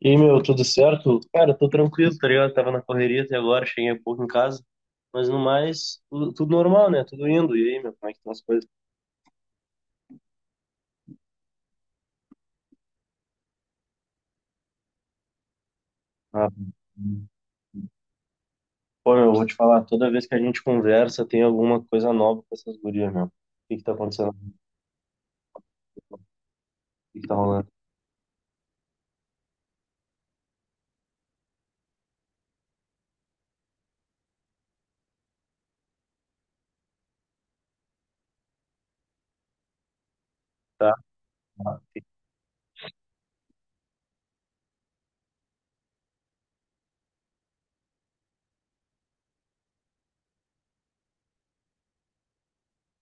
E aí, meu, tudo certo? Cara, tô tranquilo, tá ligado? Tava na correria até agora, cheguei há pouco em casa. Mas no mais, tudo normal, né? Tudo indo. E aí, meu, como é que estão as coisas? Ah, pô, meu, eu vou te falar, toda vez que a gente conversa, tem alguma coisa nova com essas gurias, meu. O que que tá acontecendo? O que que tá rolando? Tá.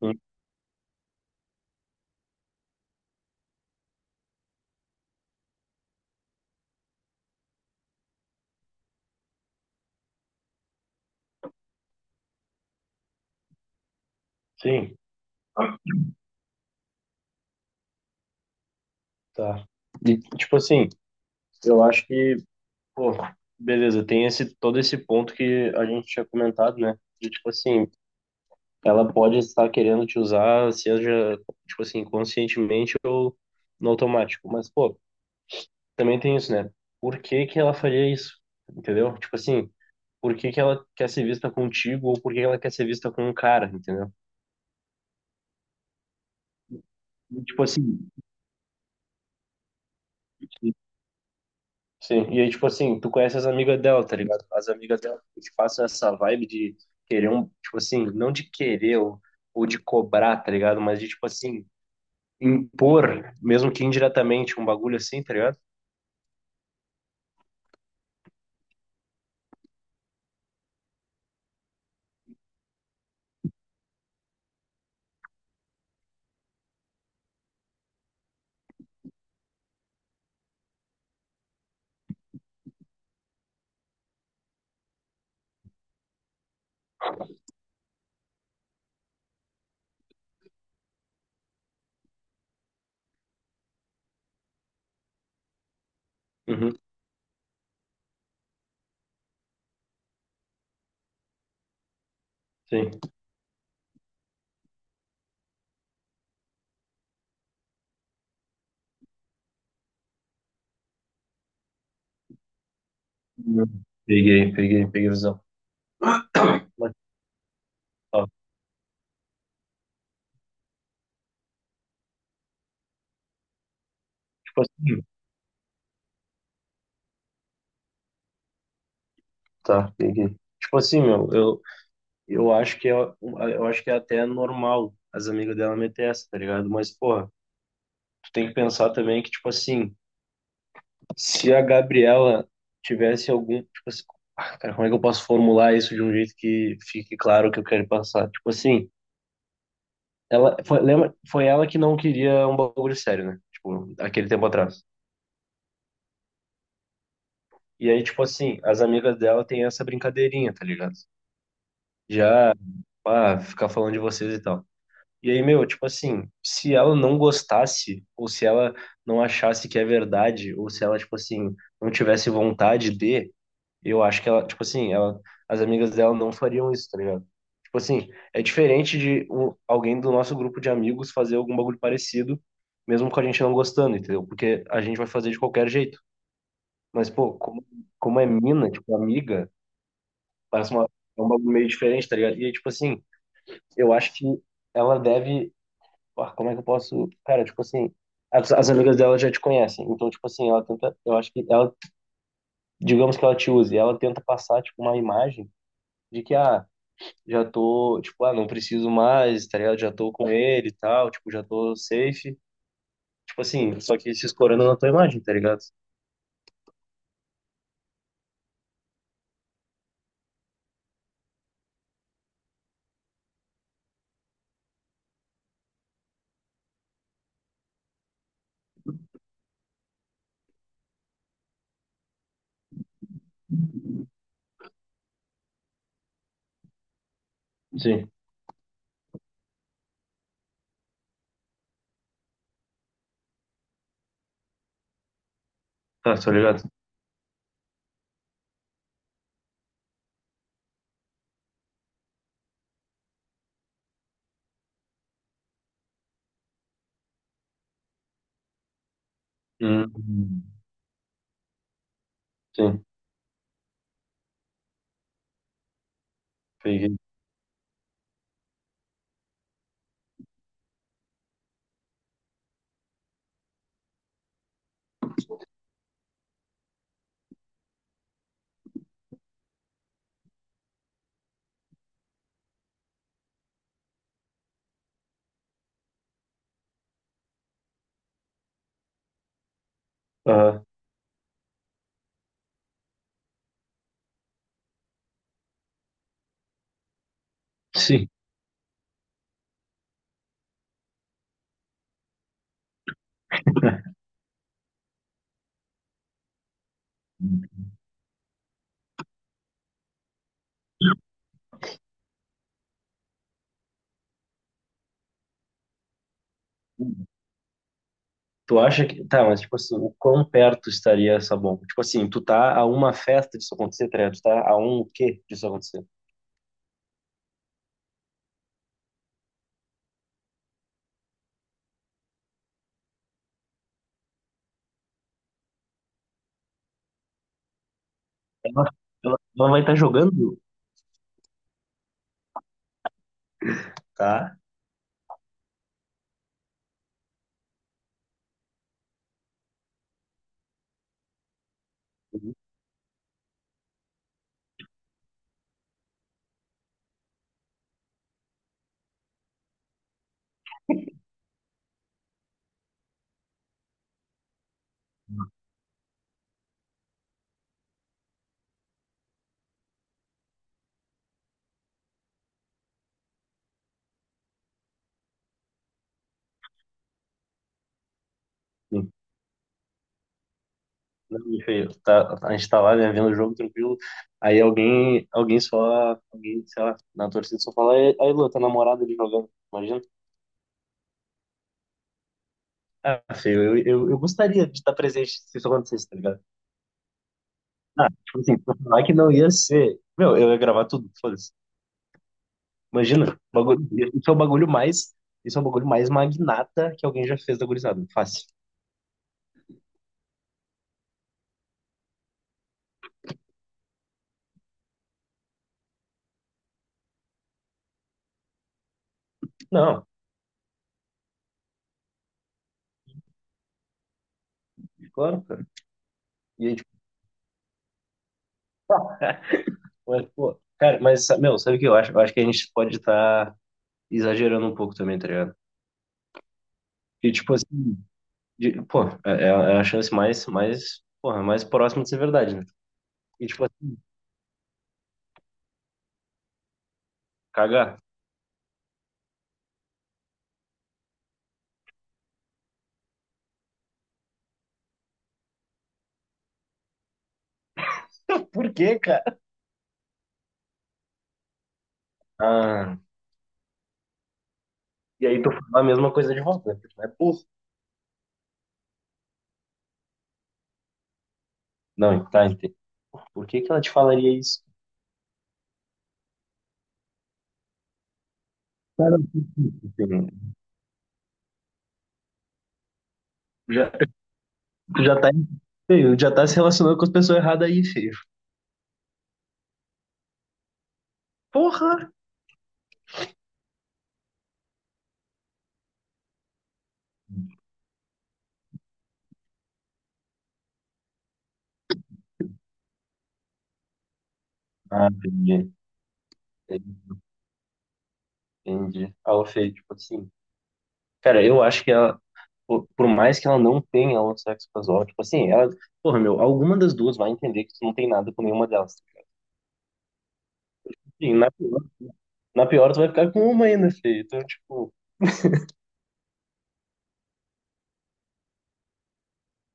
Hum, sim, tá. E, tipo assim, eu acho que, pô, beleza, tem esse, todo esse ponto que a gente tinha comentado, né? De, tipo assim, ela pode estar querendo te usar, seja, tipo assim, conscientemente ou no automático. Mas, pô, também tem isso, né? Por que que ela faria isso? Entendeu? Tipo assim, por que que ela quer ser vista contigo ou por que ela quer ser vista com um cara, entendeu? E, tipo assim, sim. E aí, tipo assim, tu conhece as amigas dela, tá ligado? As amigas dela te passam essa vibe de querer um, tipo assim, não de querer ou de cobrar, tá ligado? Mas de, tipo assim, impor, mesmo que indiretamente, um bagulho assim, tá ligado? Uhum, sim. Hum. Peguei, peguei, peguei a visão. Mas, ó, tipo assim, tá, peguei. Tipo assim, meu, eu acho que é, eu acho que é até normal as amigas dela meter essa, tá ligado? Mas, porra, tu tem que pensar também que, tipo assim, se a Gabriela tivesse algum, tipo assim, ah, cara, como é que eu posso formular isso de um jeito que fique claro o que eu quero passar? Tipo assim, ela, foi, lembra, foi ela que não queria um bagulho sério, né? Tipo, aquele tempo atrás. E aí, tipo assim, as amigas dela têm essa brincadeirinha, tá ligado? Já ah, ficar falando de vocês e tal. E aí, meu, tipo assim, se ela não gostasse, ou se ela não achasse que é verdade, ou se ela, tipo assim, não tivesse vontade de, eu acho que ela, tipo assim, ela, as amigas dela não fariam isso, tá ligado? Tipo assim, é diferente de um- alguém do nosso grupo de amigos fazer algum bagulho parecido, mesmo com a gente não gostando, entendeu? Porque a gente vai fazer de qualquer jeito. Mas, pô, como é mina, tipo, amiga, parece uma, é um bagulho meio diferente, tá ligado? E aí, tipo assim eu acho que ela deve. Ah, como é que eu posso. Cara, tipo assim. As amigas dela já te conhecem. Então, tipo assim, ela tenta. Eu acho que ela. Digamos que ela te use. Ela tenta passar, tipo, uma imagem de que, ah, já tô. Tipo, ah, não preciso mais, tá ligado? Já tô com ele e tal. Tipo, já tô safe. Tipo assim, só que se escorando na tua imagem, tá ligado? Sim. Tá, tô ligado. Hum, sim, peguei. Aham. Sim. Tu acha que. Tá, mas tipo assim, o quão perto estaria essa bomba? Tipo assim, tu tá a uma festa disso acontecer, tá ligado? Tu tá a um o quê disso acontecer? Ela, ela vai estar jogando, tá? Sim. Não, me feio. Tá, a gente tá lá, né, vendo o jogo tranquilo. Aí alguém, alguém só, alguém, sei lá, na torcida só fala, aí, aí, Lu, tá namorado ali jogando, imagina? Ah, feio, eu gostaria de estar presente se isso acontecesse, tá ligado? Ah, tipo assim, pra falar que não ia ser. Meu, eu ia gravar tudo, foda-se. Imagina, bagulho, isso é o bagulho mais magnata que alguém já fez da gurizada. Fácil. Não, claro, cara. E aí, tipo, mas, pô, cara, mas, sa- meu, sabe o que eu acho? Eu acho que a gente pode estar exagerando um pouco também, tá ligado? E, tipo, assim, de- pô, é, é a chance mais, porra, mais próxima de ser verdade, né? E, tipo, assim, cagar. Por quê, cara? Ah, e aí tu fala a mesma coisa de volta, né? Porque tu é burro. Não, tá, entendi. Por que que ela te falaria isso? Cara, enfim, já, tu já tá, feio, já tá se relacionando com as pessoas erradas aí, feio. Porra! Ah, entendi. Entendi. Ah, ô, Fê, tipo assim, cara, eu acho que ela, por mais que ela não tenha o sexo casual, tipo assim, ela, porra, meu, alguma das duas vai entender que tu não tem nada com nenhuma delas. E na pior tu vai ficar com uma ainda, Fê. Então, tipo,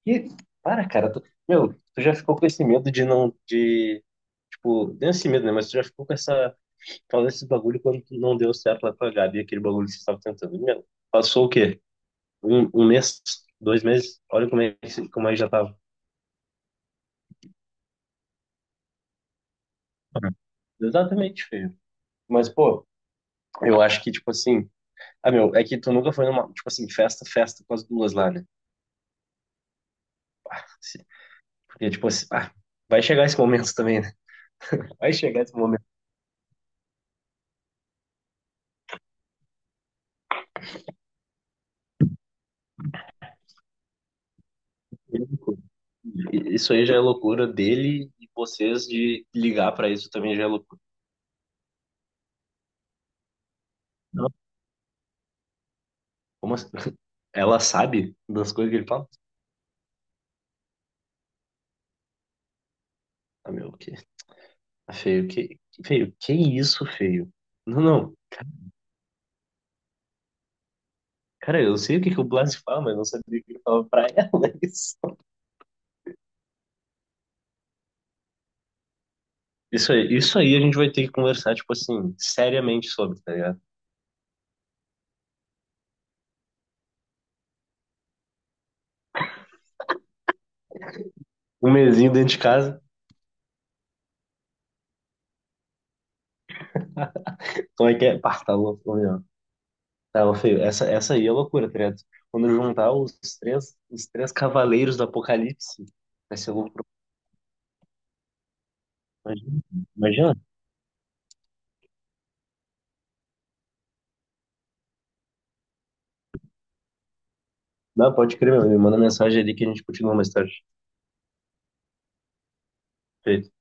que, para, cara, tu, meu, tu já ficou com esse medo de não, de, tipo, não esse medo, né, mas tu já ficou com essa Fala esse bagulho quando não deu certo lá com a Gabi, aquele bagulho que você estava tentando. Meu, passou o quê? Um mês? 2 meses? Olha como é que já tava. Uhum. Exatamente, feio. Mas, pô, eu acho que, tipo assim. Ah, meu, é que tu nunca foi numa, tipo assim, festa, festa com as duas lá, né? Se- Porque, tipo assim, ah, vai chegar esse momento também, né? Vai chegar esse momento. E- Isso aí já é loucura dele e vocês de ligar pra isso também já é loucura. Não, como assim? Ela sabe das coisas que ele fala? Ah, meu, o quê? Feio, que, feio, que isso, feio? Não, não. Cara, eu sei o que que o Blas fala, mas não sabia o que ele falava pra ela. Isso. Isso aí a gente vai ter que conversar, tipo assim, seriamente sobre, tá ligado? Um mesinho dentro de casa, como é que é? Pá, tá louco, ô, meu. Tá, ô, feio, essa aí é loucura, tá ligado? Quando eu juntar os três cavaleiros do Apocalipse, vai ser loucura. Imagina, imagina. Não, pode crer, meu. Me manda mensagem ali que a gente continua mais tarde. Feio.